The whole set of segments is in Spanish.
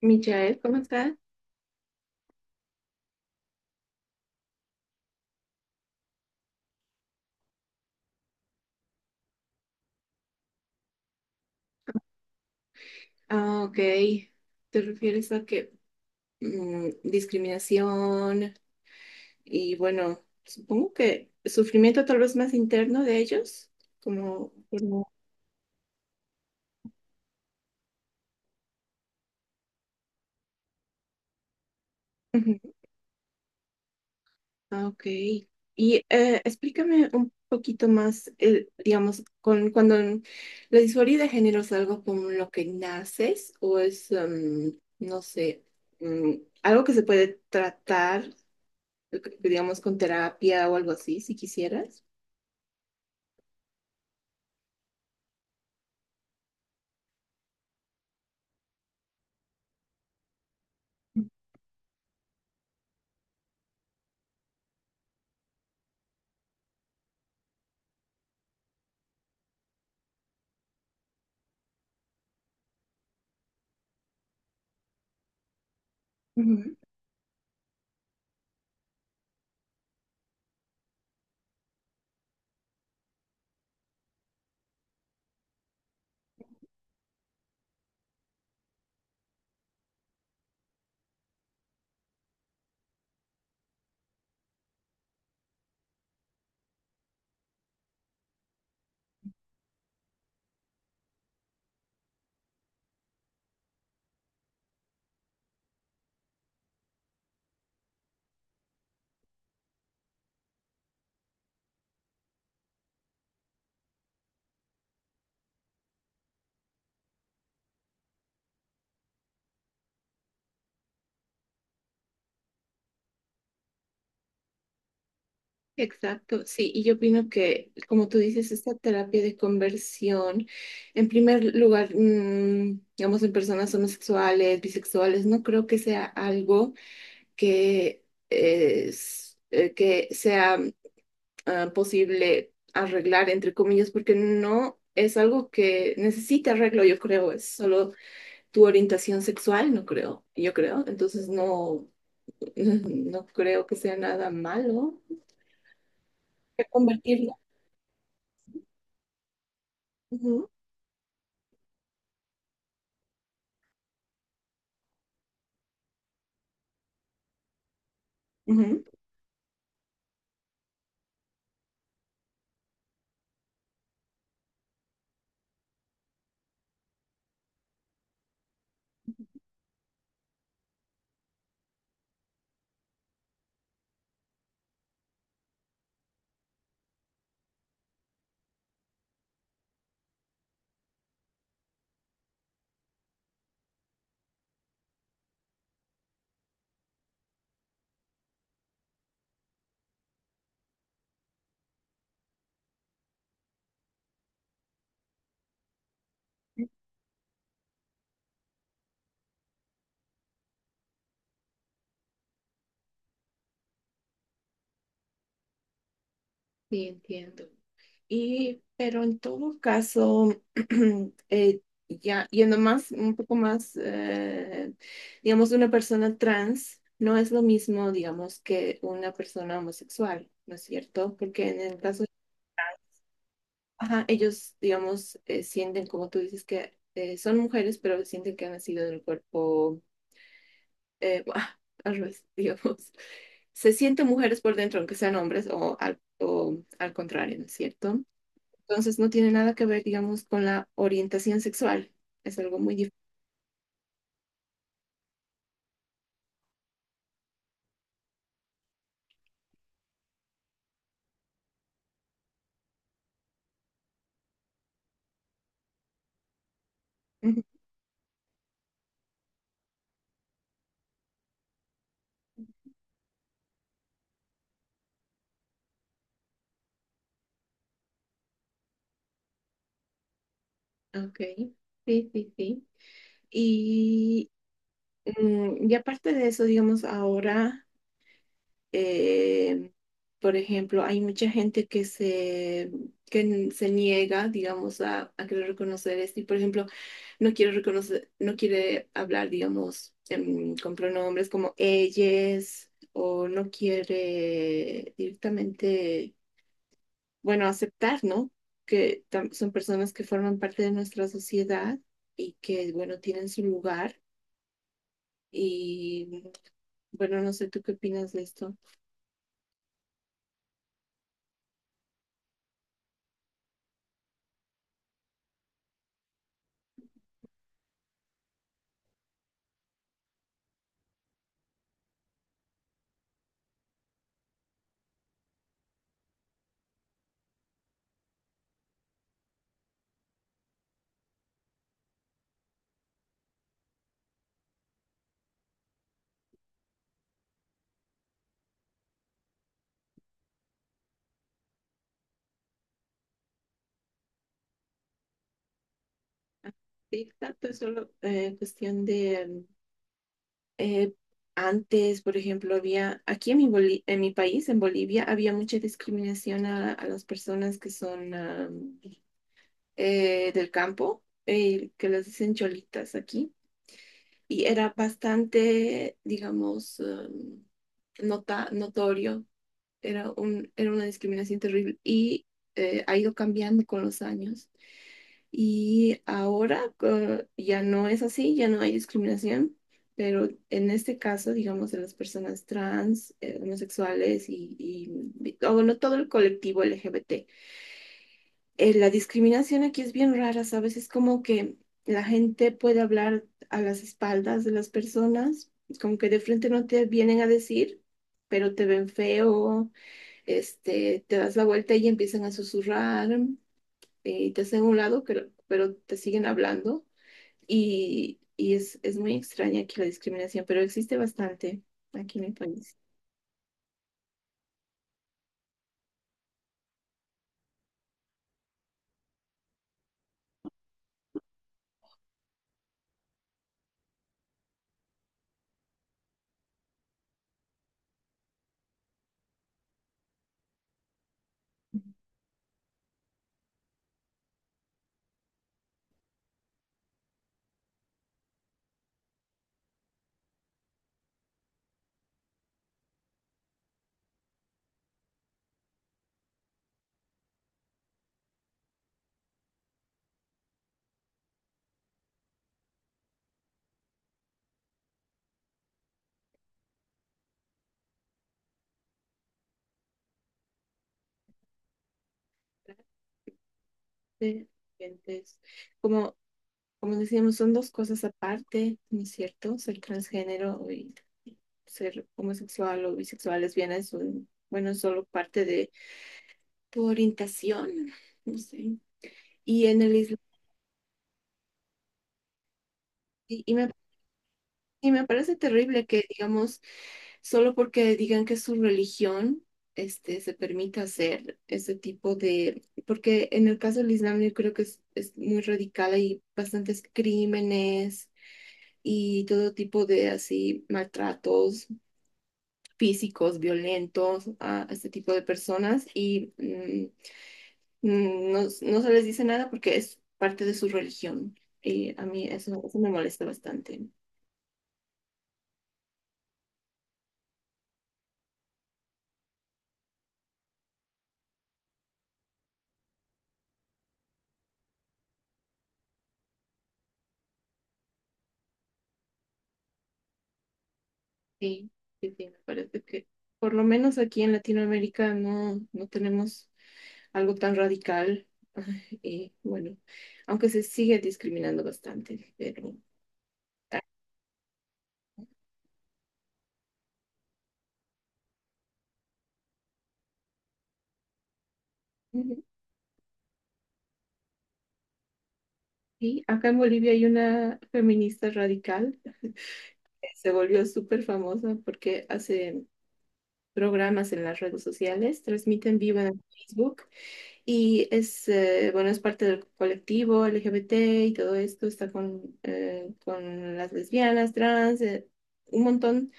Michael, ¿cómo estás? Ah, ok. ¿Te refieres a que discriminación y bueno, supongo que sufrimiento tal vez más interno de ellos? Como, como- Ujú. Ah, ok. Y explícame un poquito más, digamos, cuando la disforia de género es algo con lo que naces o es, no sé, algo que se puede tratar, digamos, con terapia o algo así, si quisieras. Ujú. Exacto, sí, y yo opino que, como tú dices, esta terapia de conversión, en primer lugar, digamos, en personas homosexuales, bisexuales, no creo que sea algo que, que sea posible arreglar, entre comillas, porque no es algo que necesite arreglo, yo creo, es solo tu orientación sexual, no creo, yo creo, entonces no, no creo que sea nada malo convertirlo. Ujú. Sí, entiendo. Y, pero en todo caso, eh, ya yendo más, un poco más, digamos, una persona trans no es lo mismo, digamos, que una persona homosexual, ¿no es cierto? Porque en el caso, ajá, ellos, digamos, sienten, como tú dices, que son mujeres, pero sienten que han nacido del cuerpo, eh, al revés, digamos. Se sienten mujeres por dentro, aunque sean hombres, o o al contrario, ¿no es cierto? Entonces no tiene nada que ver, digamos, con la orientación sexual. Es algo muy diferente. Ujú. Ok, sí, sí, sí. Y, y aparte de eso, digamos, ahora, eh, por ejemplo, hay mucha gente se niega, digamos, a querer reconocer esto. Y, por ejemplo, no quiere reconocer, no quiere hablar, digamos, con pronombres como ellas, o no quiere directamente bueno, aceptar, ¿no? Que son personas que forman parte de nuestra sociedad y que, bueno, tienen su lugar. Y bueno, no sé tú qué opinas de esto. Sí, tanto es solo cuestión de eh, antes, por ejemplo, había aquí en en mi país, en Bolivia, había mucha discriminación a las personas que son del campo, que les dicen cholitas aquí. Y era bastante, digamos, notorio, era era una discriminación terrible y ha ido cambiando con los años. Y ya no es así, ya no hay discriminación, pero en este caso, digamos, de las personas trans, homosexuales o bueno, todo el colectivo LGBT, la discriminación aquí es bien rara, ¿sabes? Es como que la gente puede hablar a las espaldas de las personas, como que de frente no te vienen a decir, pero te ven feo, este, te das la vuelta y empiezan a susurrar, y te hacen a un lado, pero te siguen hablando y es muy extraña aquí la discriminación, pero existe bastante aquí en el país. De- gente, es Como Como decíamos, son dos cosas aparte, ¿no es cierto? Ser transgénero y ser homosexual o bisexual, lesbiana es bueno, es solo parte de tu orientación, no sé. Y en el Islam, y, y me, y me parece terrible que, digamos, solo porque digan que es su religión, este, se permita hacer ese tipo de, porque en el caso del Islam yo creo que es muy radical, hay bastantes crímenes y todo tipo de así maltratos físicos violentos a este tipo de personas y no, no se les dice nada porque es parte de su religión. Y a mí eso me molesta bastante. Sí, sí, sí, me parece que por lo menos aquí en Latinoamérica no, no tenemos algo tan radical. Y bueno, aunque se sigue discriminando bastante, pero... Ah, ujú. Sí, acá en Bolivia hay una feminista radical, se volvió súper famosa porque hace programas en las redes sociales, transmite en vivo en Facebook y es, bueno, es parte del colectivo LGBT y todo esto, está con las lesbianas, trans, un montón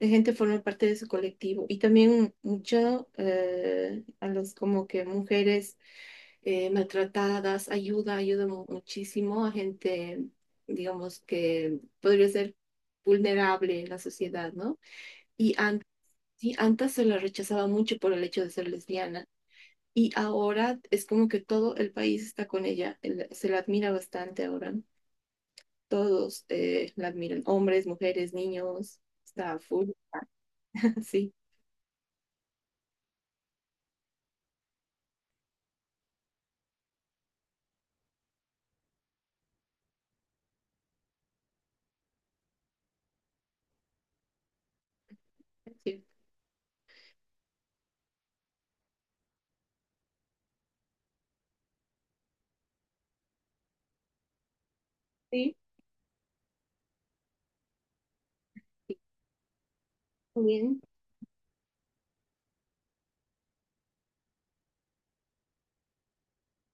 de gente forma parte de su colectivo y también mucho a los como que mujeres maltratadas, ayuda, muchísimo a gente, digamos, que podría ser vulnerable en la sociedad, ¿no? Y antes, sí, antes se la rechazaba mucho por el hecho de ser lesbiana y ahora es como que todo el país está con ella, se la admira bastante ahora. Todos la admiran, hombres, mujeres, niños, está full, sí. Sí, sí, muy bien.